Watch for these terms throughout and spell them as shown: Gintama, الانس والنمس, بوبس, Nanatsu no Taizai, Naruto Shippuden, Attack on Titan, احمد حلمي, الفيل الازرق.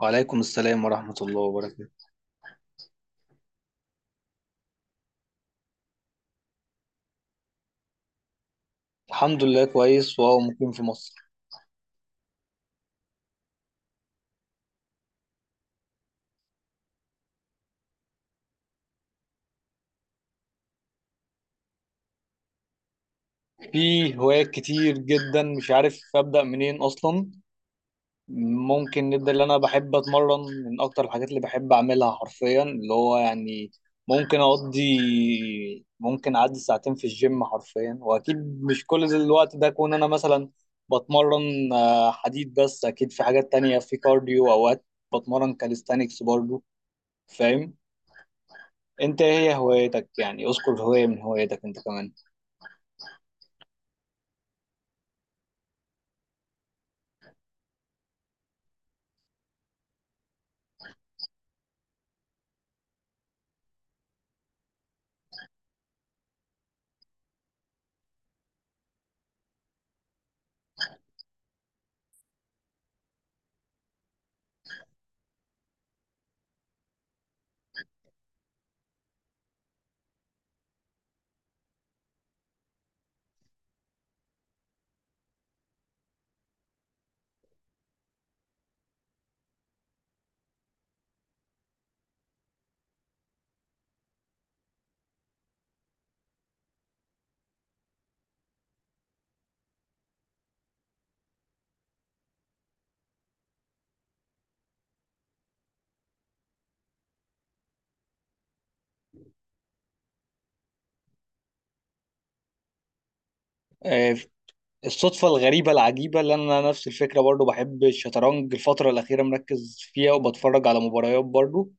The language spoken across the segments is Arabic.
وعليكم السلام ورحمة الله وبركاته. الحمد لله كويس وهو مقيم في مصر. في هوايات كتير جدا، مش عارف أبدأ منين أصلا. ممكن نبدأ اللي أنا بحب أتمرن. من أكتر الحاجات اللي بحب أعملها حرفيا اللي هو يعني ممكن أقضي ممكن أعدي ساعتين في الجيم حرفيا، وأكيد مش كل الوقت ده أكون أنا مثلا بتمرن حديد، بس أكيد في حاجات تانية، في كارديو أوقات بتمرن كاليستانكس برضو. فاهم؟ انت ايه هي هوايتك؟ يعني اذكر هواية من هوايتك انت كمان. آه، الصدفة الغريبة العجيبة اللي انا نفس الفكرة برضو، بحب الشطرنج، الفترة الأخيرة مركز فيها وبتفرج على مباريات برضو.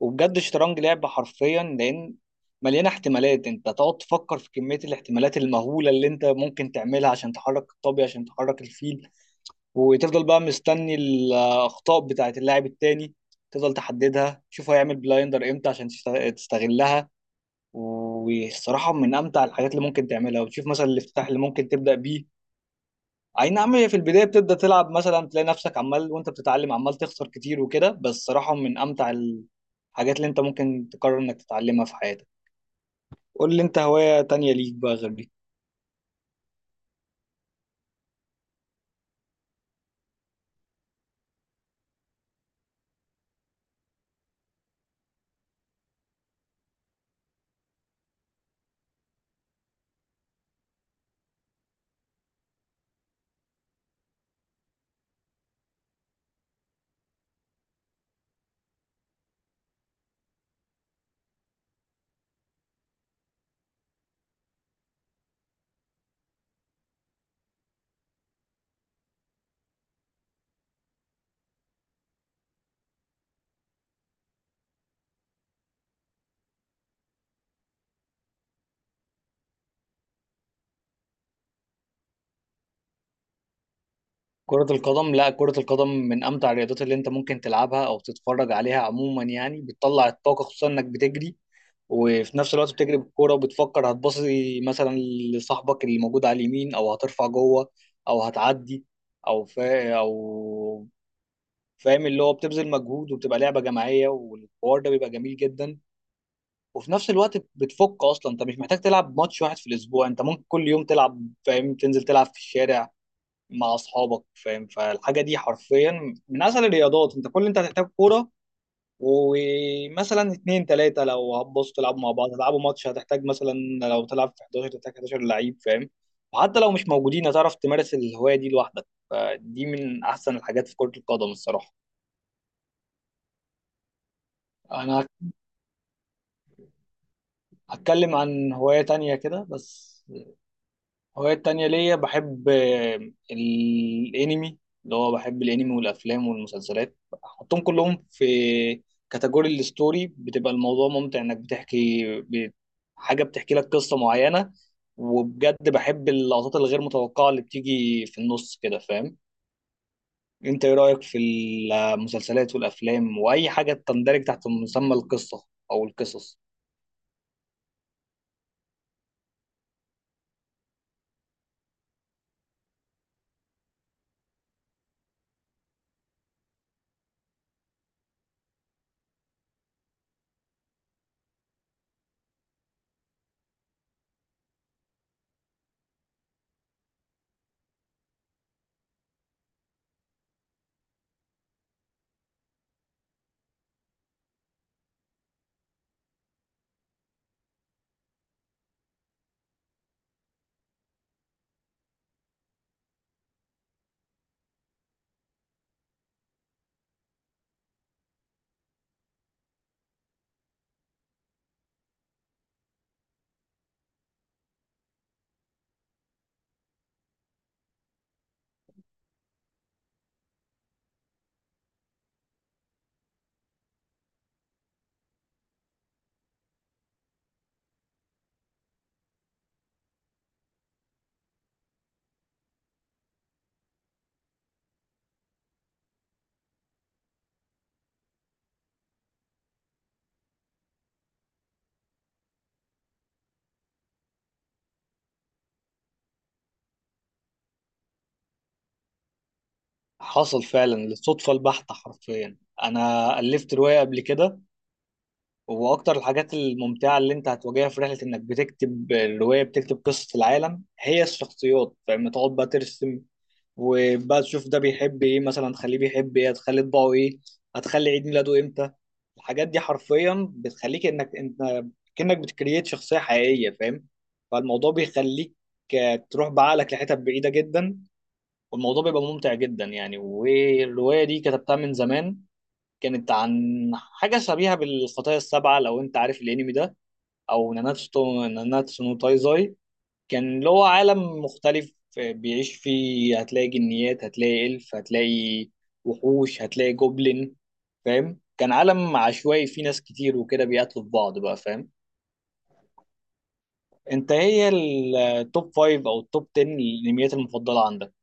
وبجد الشطرنج لعبة حرفيا، لأن مليانة احتمالات. انت تقعد تفكر في كمية الاحتمالات المهولة اللي انت ممكن تعملها عشان تحرك الطابية، عشان تحرك الفيل. وتفضل بقى مستني الأخطاء بتاعت اللاعب التاني، تفضل تحددها، تشوف هيعمل بلايندر امتى عشان تستغلها. والصراحة من أمتع الحاجات اللي ممكن تعملها. وتشوف مثلا الافتتاح اللي ممكن تبدأ بيه. أي نعم، هي في البداية بتبدأ تلعب مثلا، تلاقي نفسك عمال وأنت بتتعلم عمال تخسر كتير وكده، بس صراحة من أمتع الحاجات اللي أنت ممكن تقرر إنك تتعلمها في حياتك. قول لي أنت هواية تانية ليك بقى غير دي. كرة القدم، لا كرة القدم من أمتع الرياضات اللي أنت ممكن تلعبها أو تتفرج عليها عموما، يعني بتطلع الطاقة خصوصا إنك بتجري. وفي نفس الوقت بتجري بالكوره وبتفكر هتباصي مثلا لصاحبك اللي موجود على اليمين، او هترفع جوه، او هتعدي، او فا او فاهم، اللي هو بتبذل مجهود وبتبقى لعبه جماعيه والحوار ده بيبقى جميل جدا. وفي نفس الوقت بتفك اصلا. انت مش محتاج تلعب ماتش واحد في الاسبوع، انت ممكن كل يوم تلعب، فاهم؟ تنزل تلعب في الشارع مع اصحابك، فاهم؟ فالحاجه دي حرفيا من اسهل الرياضات، انت كل اللي انت هتحتاج كوره، ومثلا اتنين تلاتة لو هتبصوا تلعبوا مع بعض هتلعبوا ماتش. هتحتاج مثلا لو تلعب في 11 تحتاج 11 لعيب، فاهم؟ وحتى لو مش موجودين هتعرف تمارس الهواية دي لوحدك، فدي من أحسن الحاجات في كرة القدم الصراحة. أنا هتكلم عن هواية تانية كده بس. هوايات تانية ليا، بحب الانمي، اللي هو بحب الانمي والافلام والمسلسلات. احطهم كلهم في كاتيجوري الستوري. بتبقى الموضوع ممتع انك حاجة بتحكي لك قصة معينة. وبجد بحب اللقطات الغير متوقعة اللي بتيجي في النص كده، فاهم؟ انت ايه رأيك في المسلسلات والافلام واي حاجة تندرج تحت مسمى القصة او القصص؟ حصل فعلا، للصدفة البحتة حرفيا انا ألفت رواية قبل كده. هو اكتر الحاجات الممتعه اللي انت هتواجهها في رحله انك بتكتب الروايه، بتكتب قصه العالم، هي الشخصيات، فاهم؟ تقعد بقى ترسم وبقى تشوف ده بيحب ايه مثلا، تخليه بيحب ايه، هتخلي طباعه ايه، هتخلي عيد ميلاده امتى. الحاجات دي حرفيا بتخليك انك انت كأنك بتكريت شخصيه حقيقيه، فاهم؟ فالموضوع بيخليك تروح بعقلك لحتت بعيده جدا. والموضوع بيبقى ممتع جدا يعني. والروايه دي كتبتها من زمان، كانت عن حاجة شبيهة بالخطايا السبعة، لو أنت عارف الأنمي ده، أو ناناتسو نو تايزاي. كان اللي هو عالم مختلف بيعيش فيه، هتلاقي جنيات، هتلاقي إلف، هتلاقي وحوش، هتلاقي جوبلين، فاهم؟ كان عالم عشوائي فيه ناس كتير وكده بيقاتلوا في بعض بقى، فاهم؟ أنت هي التوب فايف أو التوب 10 الأنميات المفضلة عندك؟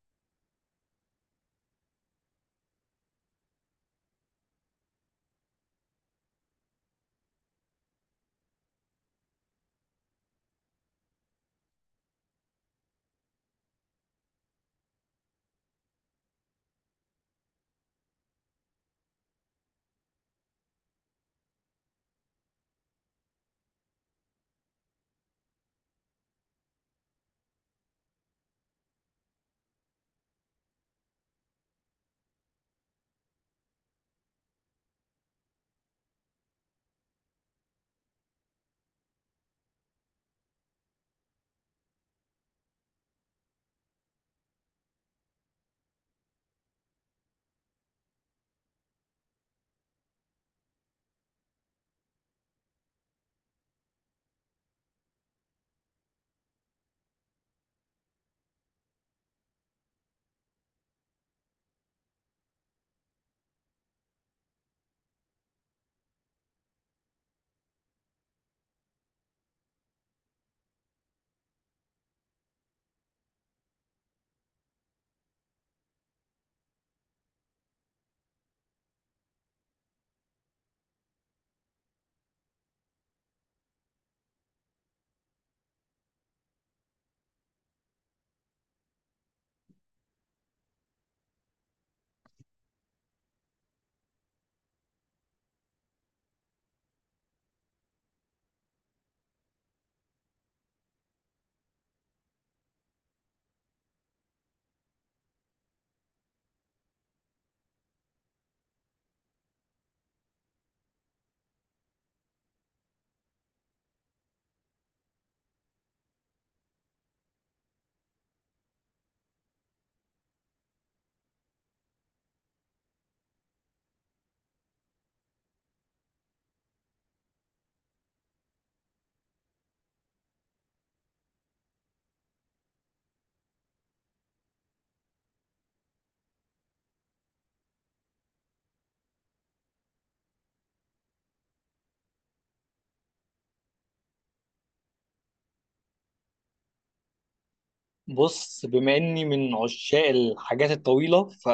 بص، بما إني من عشاق الحاجات الطويلة، ف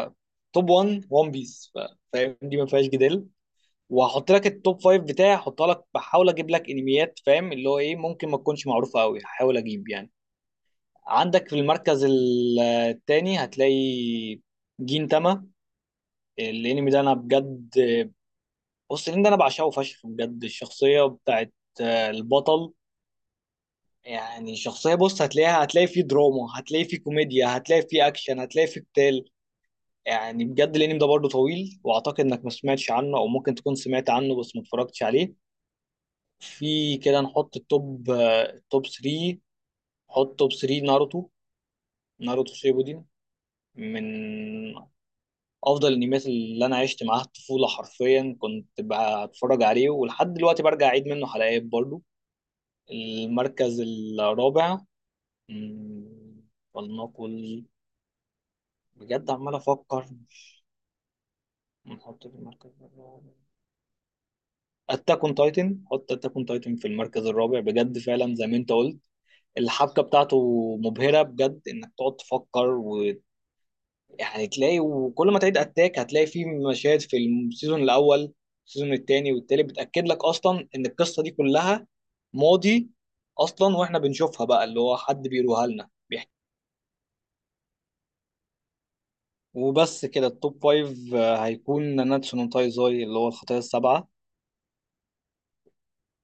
توب 1 ون بيس، فاهم؟ دي ما فيهاش جدال. وهحط لك التوب فايف بتاعي، هحطها لك، بحاول اجيب لك انميات فاهم اللي هو ايه، ممكن ما تكونش معروفه قوي، هحاول اجيب يعني. عندك في المركز التاني هتلاقي جين تاما. الانمي ده انا بجد، بص الانمي ده انا بعشقه فشخ بجد. الشخصيه بتاعت البطل، يعني شخصيه، بص هتلاقيها، هتلاقي فيه دراما، هتلاقي فيه كوميديا، هتلاقي فيه اكشن، هتلاقي فيه قتال. يعني بجد الانمي ده برضه طويل، واعتقد انك ما سمعتش عنه، او ممكن تكون سمعت عنه بس ما اتفرجتش عليه. في كده نحط التوب 3، نحط توب 3 ناروتو، ناروتو شيبودين، من افضل الانميات اللي انا عشت معاها الطفوله حرفيا، كنت بتفرج عليه ولحد دلوقتي برجع اعيد منه حلقات برضو. المركز الرابع، مم، ولنقل، بجد عمال افكر. نحط في المركز الرابع اتاك اون تايتن. حط اتاك اون تايتن في المركز الرابع، بجد فعلا زي ما انت قلت الحبكه بتاعته مبهره بجد. انك تقعد تفكر، يعني تلاقي وكل ما تعيد اتاك هتلاقي فيه مشاهد في السيزون الاول، السيزون الثاني والتالت بتاكد لك اصلا ان القصه دي كلها ماضي اصلا، واحنا بنشوفها بقى اللي هو حد بيروها لنا بيحكي. وبس كده التوب فايف هيكون ناناتسو نو تايزاي اللي هو الخطايا السبعه،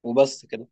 وبس كده.